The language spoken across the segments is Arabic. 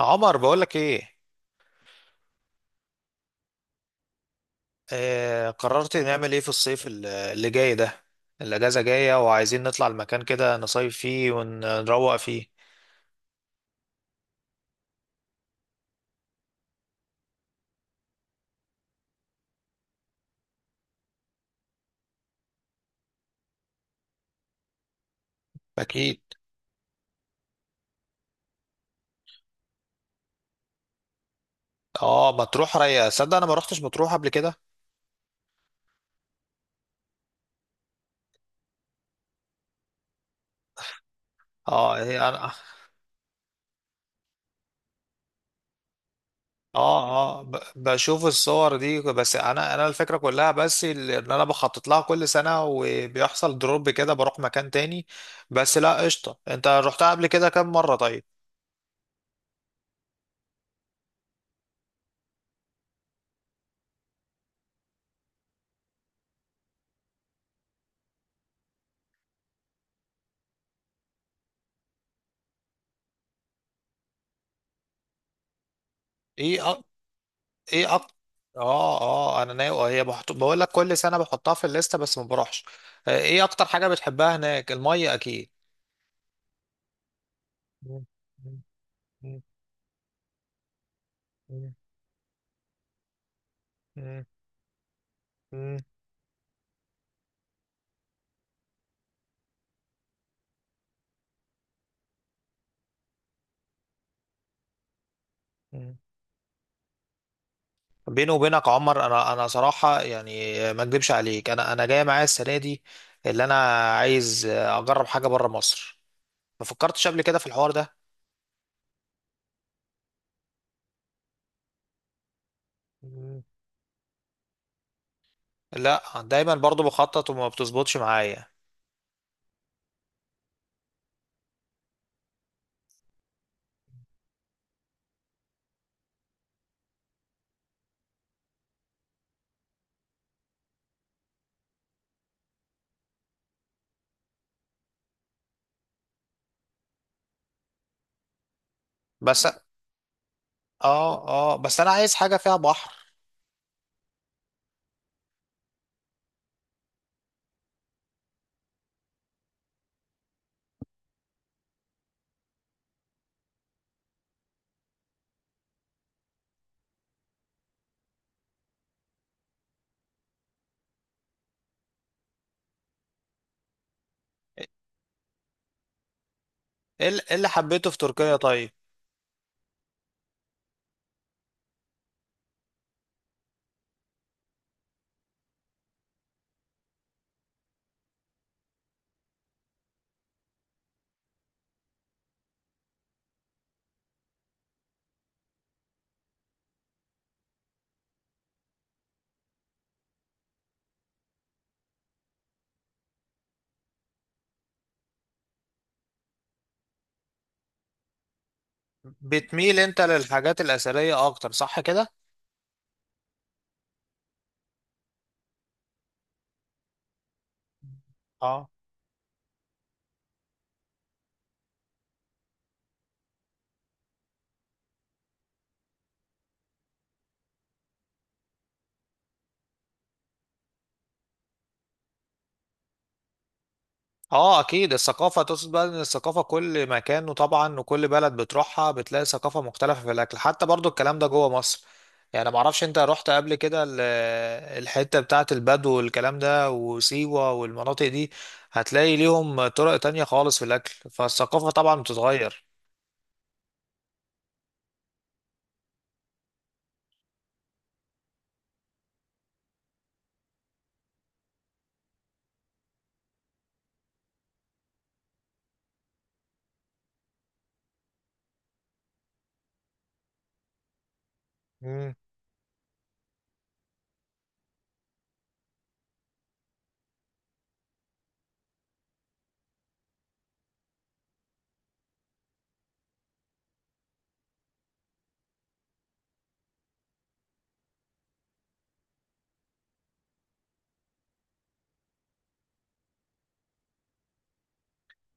عمر، بقولك ايه؟ آه قررت نعمل ايه في الصيف اللي جاي ده؟ الاجازه جايه وعايزين نطلع المكان كده، نصيف فيه ونروق فيه. اكيد. اه مطروح رايقه، صدق انا ما روحتش مطروح قبل كده. اه هي انا. اه اه، بشوف الصور دي، بس انا الفكره كلها، بس ان انا بخطط لها كل سنه وبيحصل دروب كده بروح مكان تاني. بس لا قشطه، انت روحتها قبل كده كام مره طيب؟ ايه. ايه أك... اه، انا ناوي، هي بقول لك كل سنه بحطها في الليسته بس ما بروحش. ايه اكتر حاجه بتحبها هناك؟ الميه اكيد. مم. مم. مم. مم. مم. مم. بيني وبينك يا عمر، انا صراحه يعني، ما اكذبش عليك، انا جاي معايا السنه دي اللي انا عايز اجرب حاجه بره مصر، ما فكرتش قبل كده في الحوار ده. مم. لا، دايما برضو بخطط وما بتظبطش معايا. بس اه، بس انا عايز حاجه فيها بحر. ايه إيه اللي حبيته في تركيا طيب؟ بتميل انت للحاجات الاثريه اكتر، صح كده؟ اه اه، اكيد. الثقافه، تقصد بقى ان الثقافه كل مكان، وطبعا وكل بلد بتروحها بتلاقي ثقافه مختلفه في الاكل، حتى برضو الكلام ده جوه مصر. يعني ما اعرفش انت رحت قبل كده الحته بتاعه البدو والكلام ده وسيوه والمناطق دي؟ هتلاقي ليهم طرق تانية خالص في الاكل، فالثقافه طبعا بتتغير.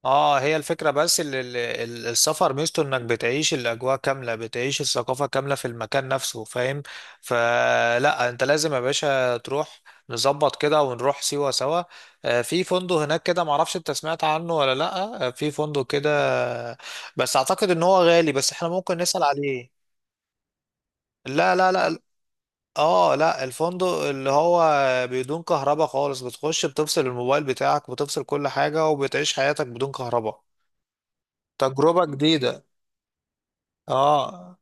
اه هي الفكرة، بس السفر ميزته انك بتعيش الاجواء كاملة، بتعيش الثقافة كاملة في المكان نفسه، فاهم؟ فلا انت لازم يا باشا تروح، نظبط كده ونروح سيوة سوا. في فندق هناك كده، معرفش انت سمعت عنه ولا لا؟ في فندق كده بس اعتقد ان هو غالي، بس احنا ممكن نسأل عليه. لا لا لا. اه لا، الفندق اللي هو بدون كهرباء خالص، بتخش بتفصل الموبايل بتاعك بتفصل كل حاجة وبتعيش حياتك بدون كهرباء. تجربة جديدة. اه.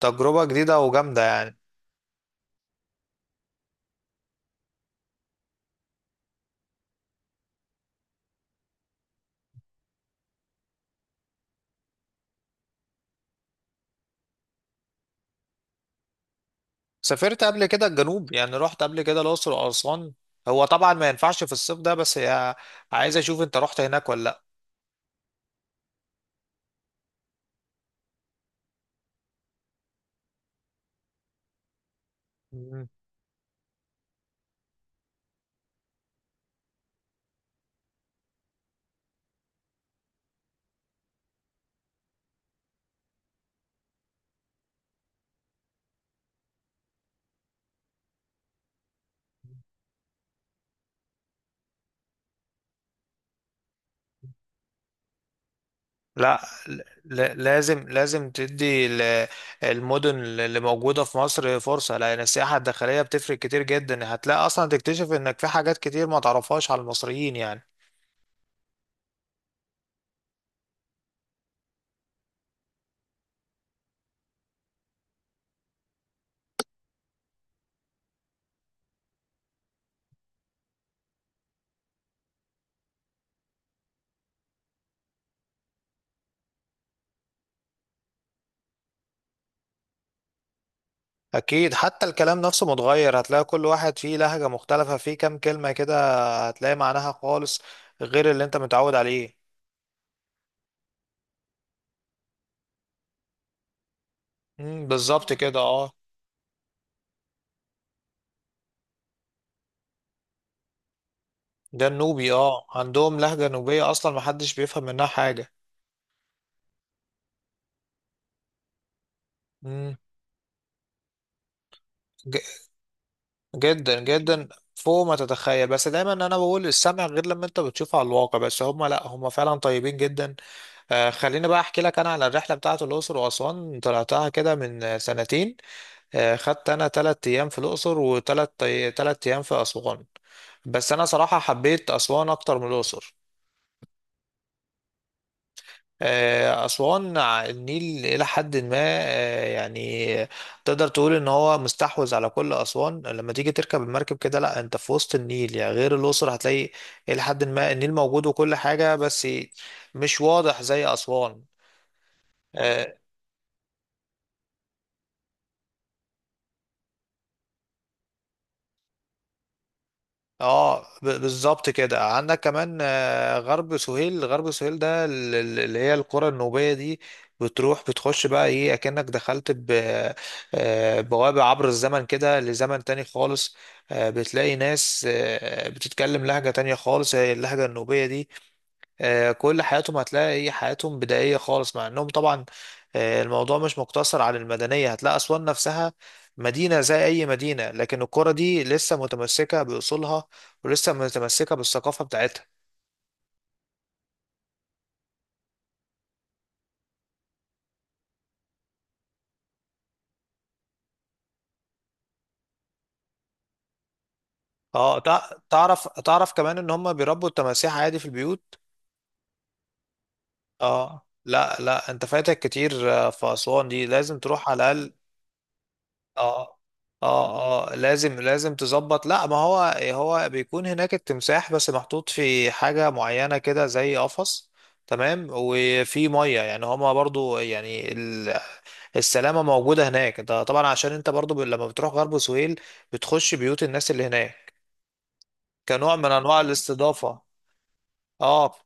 تجربة جديدة وجامدة يعني. سافرت قبل كده الجنوب؟ يعني رحت قبل كده الأقصر وأسوان؟ هو طبعا ما ينفعش في الصيف ده بس، يا عايز أشوف أنت رحت هناك ولا لأ. مم. لا، لازم لازم تدي المدن اللي موجودة في مصر فرصة، لأن السياحة الداخلية بتفرق كتير جدا، هتلاقي أصلا تكتشف إنك في حاجات كتير ما تعرفهاش على المصريين يعني. اكيد، حتى الكلام نفسه متغير، هتلاقي كل واحد فيه لهجة مختلفة، فيه كام كلمة كده هتلاقي معناها خالص غير اللي انت متعود عليه. بالظبط كده، اه. ده النوبي، اه عندهم لهجة نوبية اصلا محدش بيفهم منها حاجة. امم ج- جدا جدا فوق ما تتخيل، بس دايما انا بقول السمع غير لما انت بتشوفه على الواقع، بس هم، لا هم فعلا طيبين جدا. خليني بقى احكي لك انا على الرحلة بتاعت الاقصر واسوان، طلعتها كده من سنتين. خدت انا تلات ايام في الاقصر وتلات تلات ايام في اسوان، بس انا صراحة حبيت اسوان اكتر من الاقصر. اسوان النيل الى حد ما، يعني تقدر تقول ان هو مستحوذ على كل اسوان، لما تيجي تركب المركب كده لا انت في وسط النيل، يعني غير الاقصر هتلاقي الى حد ما النيل موجود وكل حاجة بس مش واضح زي اسوان. آه، اه بالظبط كده، عندك كمان غرب سهيل. غرب سهيل ده اللي هي القرى النوبية دي. بتروح بتخش بقى ايه، اكنك دخلت بوابة عبر الزمن كده لزمن تاني خالص. بتلاقي ناس بتتكلم لهجة تانية خالص، هي اللهجة النوبية دي. كل حياتهم هتلاقي هي حياتهم بدائية خالص، مع انهم طبعا الموضوع مش مقتصر على المدنية، هتلاقي أسوان نفسها مدينة زي أي مدينة، لكن القرى دي لسه متمسكة بأصولها ولسه متمسكة بالثقافة بتاعتها. اه تعرف كمان ان هم بيربوا التماسيح عادي في البيوت؟ اه لا لا، انت فاتك كتير، في أسوان دي لازم تروح على الأقل. اه اه اه، لازم لازم تظبط، لا ما هو هو بيكون هناك التمساح بس محطوط في حاجة معينة كده زي قفص. تمام، وفي مية يعني، هما برضو يعني السلامة موجودة هناك، انت طبعا عشان انت برضو لما بتروح غرب سهيل بتخش بيوت الناس اللي هناك كنوع من انواع الاستضافة. اه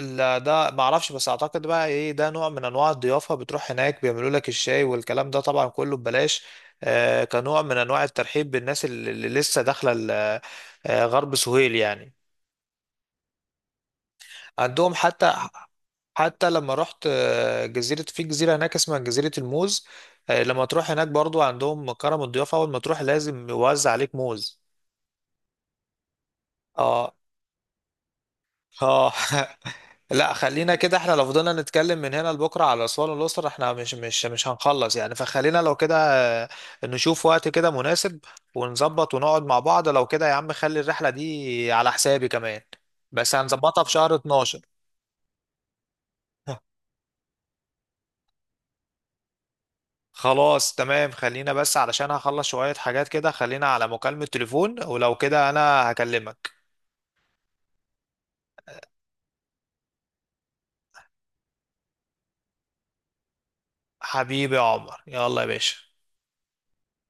لا ده ما اعرفش، بس اعتقد بقى ايه، ده نوع من انواع الضيافه، بتروح هناك بيعملوا لك الشاي والكلام ده طبعا كله ببلاش. آه كنوع من انواع الترحيب بالناس اللي لسه داخله غرب سهيل يعني. عندهم حتى، لما رحت جزيرة، في جزيرة هناك اسمها جزيرة الموز، لما تروح هناك برضو عندهم كرم الضيافة، أول ما تروح لازم يوزع عليك موز. اه. اه. لا خلينا كده، احنا لو فضلنا نتكلم من هنا لبكره على اسوان والاقصر احنا مش هنخلص يعني، فخلينا لو كده آه، نشوف وقت كده مناسب ونظبط ونقعد مع بعض، لو كده يا عم خلي الرحله دي على حسابي كمان، بس هنظبطها في شهر 12. خلاص تمام، خلينا بس علشان هخلص شويه حاجات كده، خلينا على مكالمه تليفون ولو كده انا هكلمك. حبيبي يا عمر، يلا يا باشا.